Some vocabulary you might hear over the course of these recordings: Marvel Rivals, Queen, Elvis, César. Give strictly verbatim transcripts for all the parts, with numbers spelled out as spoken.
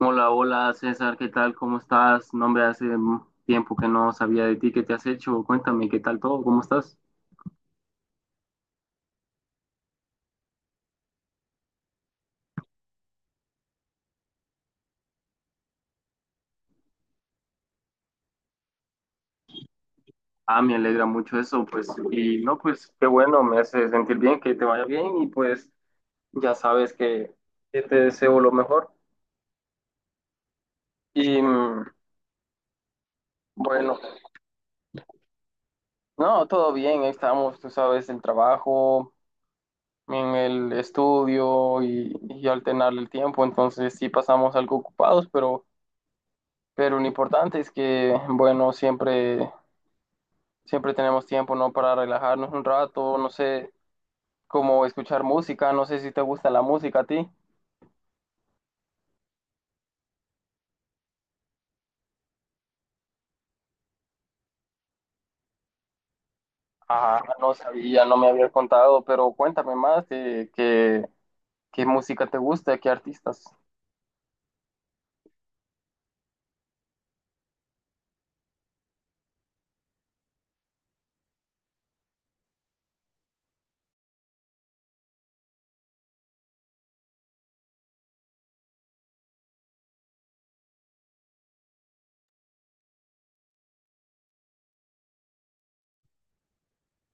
Hola, hola César, ¿qué tal? ¿Cómo estás? No me hace mm, tiempo que no sabía de ti, ¿qué te has hecho? Cuéntame, ¿qué tal todo? ¿Cómo estás? Ah, me alegra mucho eso, pues, y no, pues qué bueno, me hace sentir bien, que te vaya bien y pues ya sabes que, que te deseo lo mejor. Y mm, bueno, No, todo bien, ahí estamos, tú sabes, el trabajo, en el estudio y, y alternar el tiempo, entonces sí pasamos algo ocupados, pero, pero lo importante es que, bueno, siempre, siempre tenemos tiempo, ¿no? Para relajarnos un rato, no sé, como escuchar música, no sé si te gusta la música a ti. Ah, no sabía, no me habías contado, pero cuéntame más de qué, qué música te gusta, qué artistas.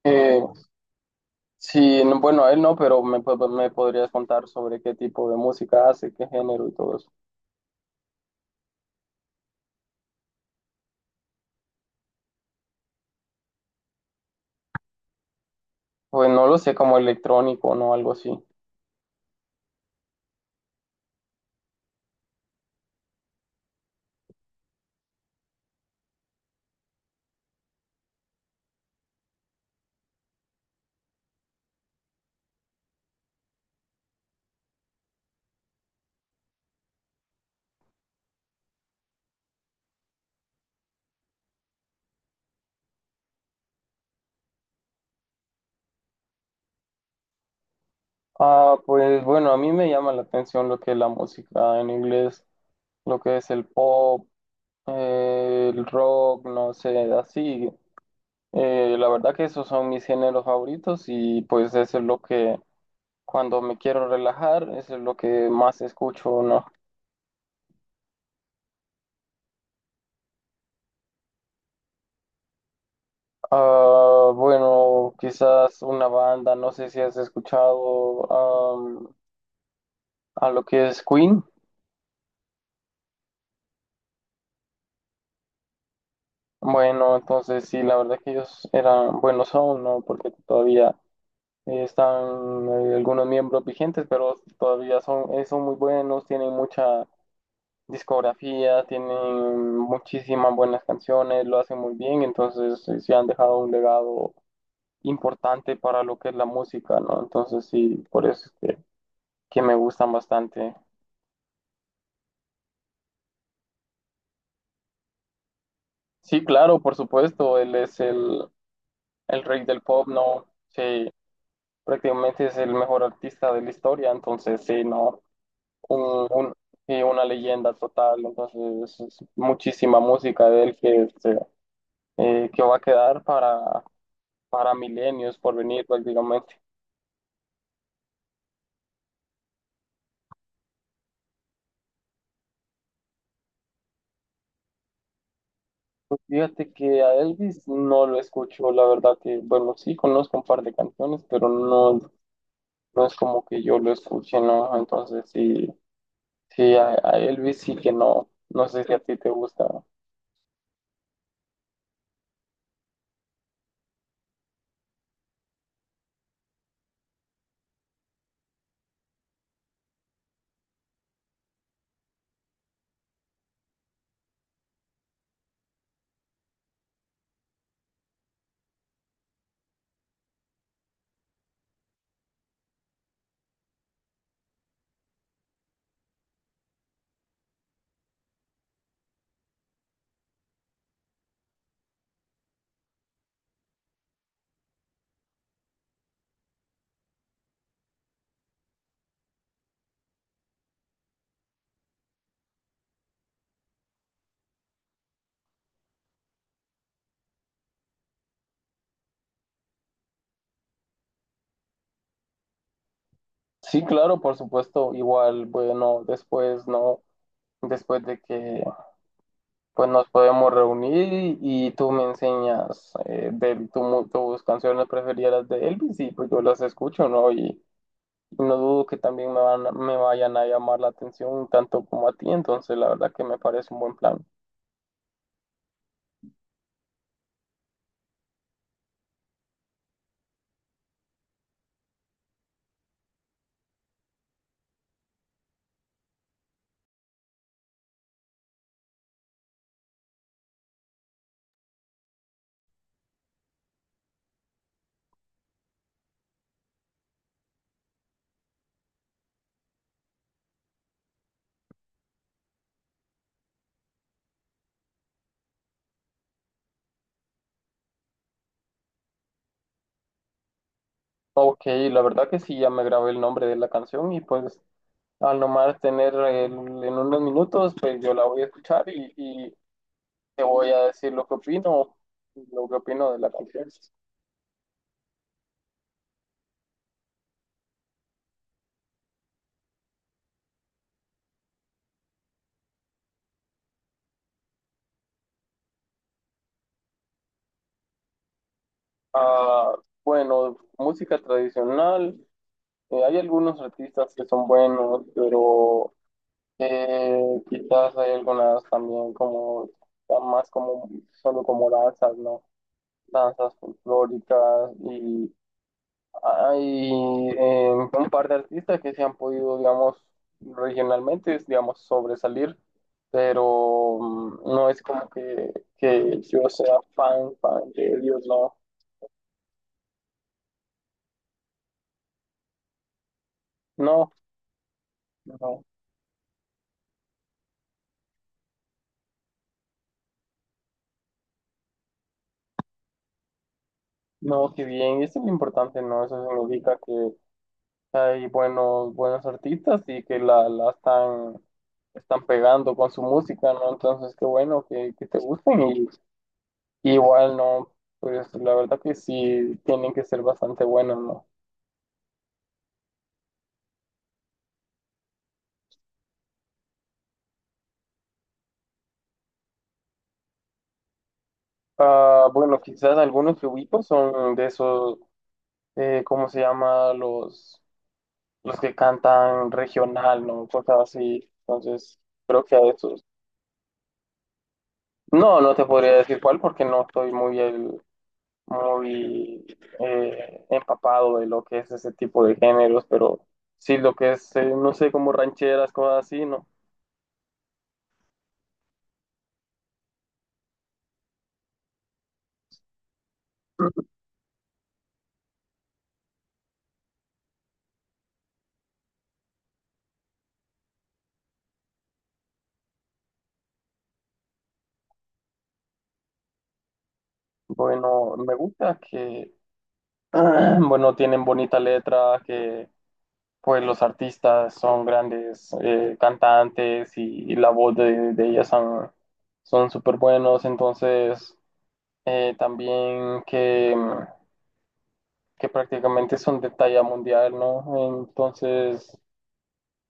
Eh, Sí, no- bueno, él no, pero me, po- me podrías contar sobre qué tipo de música hace, qué género y todo eso. Pues no lo sé, como electrónico, ¿no? Algo así. Ah, pues bueno, a mí me llama la atención lo que es la música en inglés, lo que es el pop, eh, el rock, no sé, así. Eh, la verdad que esos son mis géneros favoritos y pues eso es lo que cuando me quiero relajar, eso es lo que más escucho, ¿no? Ah, bueno, quizás una banda, no sé si has escuchado am, a lo que es Queen. Bueno, entonces sí, la verdad que ellos eran buenos aún, ¿no? Porque todavía eh, están eh, algunos miembros vigentes, pero todavía son, eh, son muy buenos, tienen mucha discografía, tienen muchísimas buenas canciones, lo hacen muy bien, entonces eh, sí han dejado un legado importante para lo que es la música, ¿no? Entonces sí, por eso es que que me gustan bastante. Sí, claro, por supuesto, él es el, el rey del pop, ¿no? Sí, prácticamente es el mejor artista de la historia, entonces sí, ¿no? Un, un- sí, una leyenda total, entonces es muchísima música de él que, este, eh, que va a quedar para, para milenios por venir prácticamente. Fíjate que a Elvis no lo escucho, la verdad que, bueno, sí conozco un par de canciones, pero no, no es como que yo lo escuche, ¿no? Entonces sí. Sí, a, a Elvis sí que no, no sé si a ti te gusta. Sí, claro, por supuesto, igual, bueno, después no, después de que pues nos podemos reunir y tú me enseñas eh, de tu mu- tus canciones preferidas de Elvis y pues yo las escucho, ¿no? Y, y no dudo que también me van, a- me vayan a llamar la atención tanto como a ti, entonces la verdad que me parece un buen plan. Ok, la verdad que sí, ya me grabé el nombre de la canción y pues al nomás tener el- en unos minutos, pues yo la voy a escuchar y, y te voy a decir lo que opino, lo que opino de la canción. Ah, bueno, música tradicional, eh, hay algunos artistas que son buenos, pero eh, quizás hay algunas también como, más como, solo como danzas, ¿no? Danzas folclóricas. Hay eh, un par de artistas que se han podido, digamos, regionalmente, digamos, sobresalir, pero mm, no es como que, que yo sea fan, fan de ellos, no, no, no, no, que bien, eso es lo importante, ¿no? Eso significa que hay buenos, buenos artistas y que la, la están, están pegando con su música, ¿no? Entonces, qué bueno que, que te gusten y, y igual, ¿no? Pues la verdad que sí, tienen que ser bastante buenos, ¿no? Ah, bueno, quizás algunos que ubico son de esos, eh, ¿cómo se llama? Los, los que cantan regional, ¿no? Cosas así. Entonces, creo que a esos. No, no te podría decir cuál porque no estoy muy, el, muy eh, empapado de lo que es ese tipo de géneros, pero sí lo que es, eh, no sé, como rancheras, cosas así, ¿no? Bueno, me gusta que, bueno, tienen bonita letra, que pues los artistas son grandes eh, cantantes y, y la voz de, de ellas son, son súper buenos, entonces eh, también que, que prácticamente son de talla mundial, ¿no? Entonces,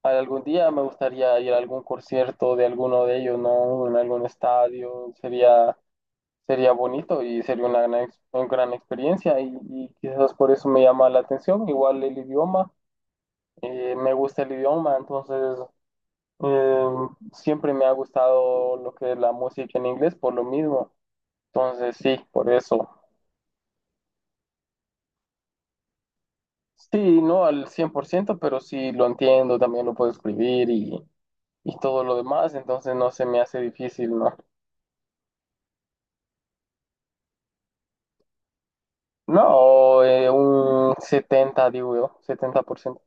algún día me gustaría ir a algún concierto de alguno de ellos, ¿no? En algún estadio, sería, sería bonito y sería una gran, ex- una gran experiencia y, y quizás por eso me llama la atención, igual el idioma. Eh, me gusta el idioma, entonces Eh, siempre me ha gustado lo que es la música en inglés por lo mismo. Entonces, sí, por eso. Sí, no al cien por ciento pero sí lo entiendo, también lo puedo escribir y, y todo lo demás, entonces no se me hace difícil, ¿no? No, eh, un setenta digo yo, setenta por ciento.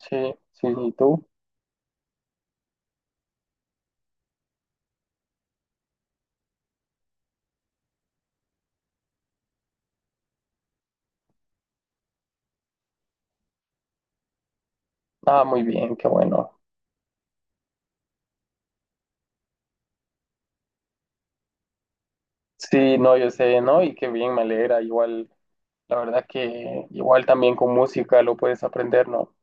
Sí, sí, ¿y tú? Ah, muy bien, qué bueno. Sí, no, yo sé, ¿no? Y qué bien, me alegra, igual, la verdad que igual también con música lo puedes aprender, ¿no?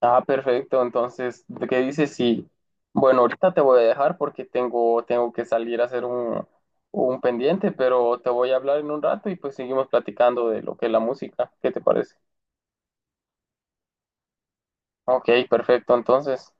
Ah, perfecto. Entonces, ¿qué dices? Sí. Bueno, ahorita te voy a dejar porque tengo, tengo que salir a hacer un, un pendiente, pero te voy a hablar en un rato y pues seguimos platicando de lo que es la música. ¿Qué te parece? Ok, perfecto. Entonces.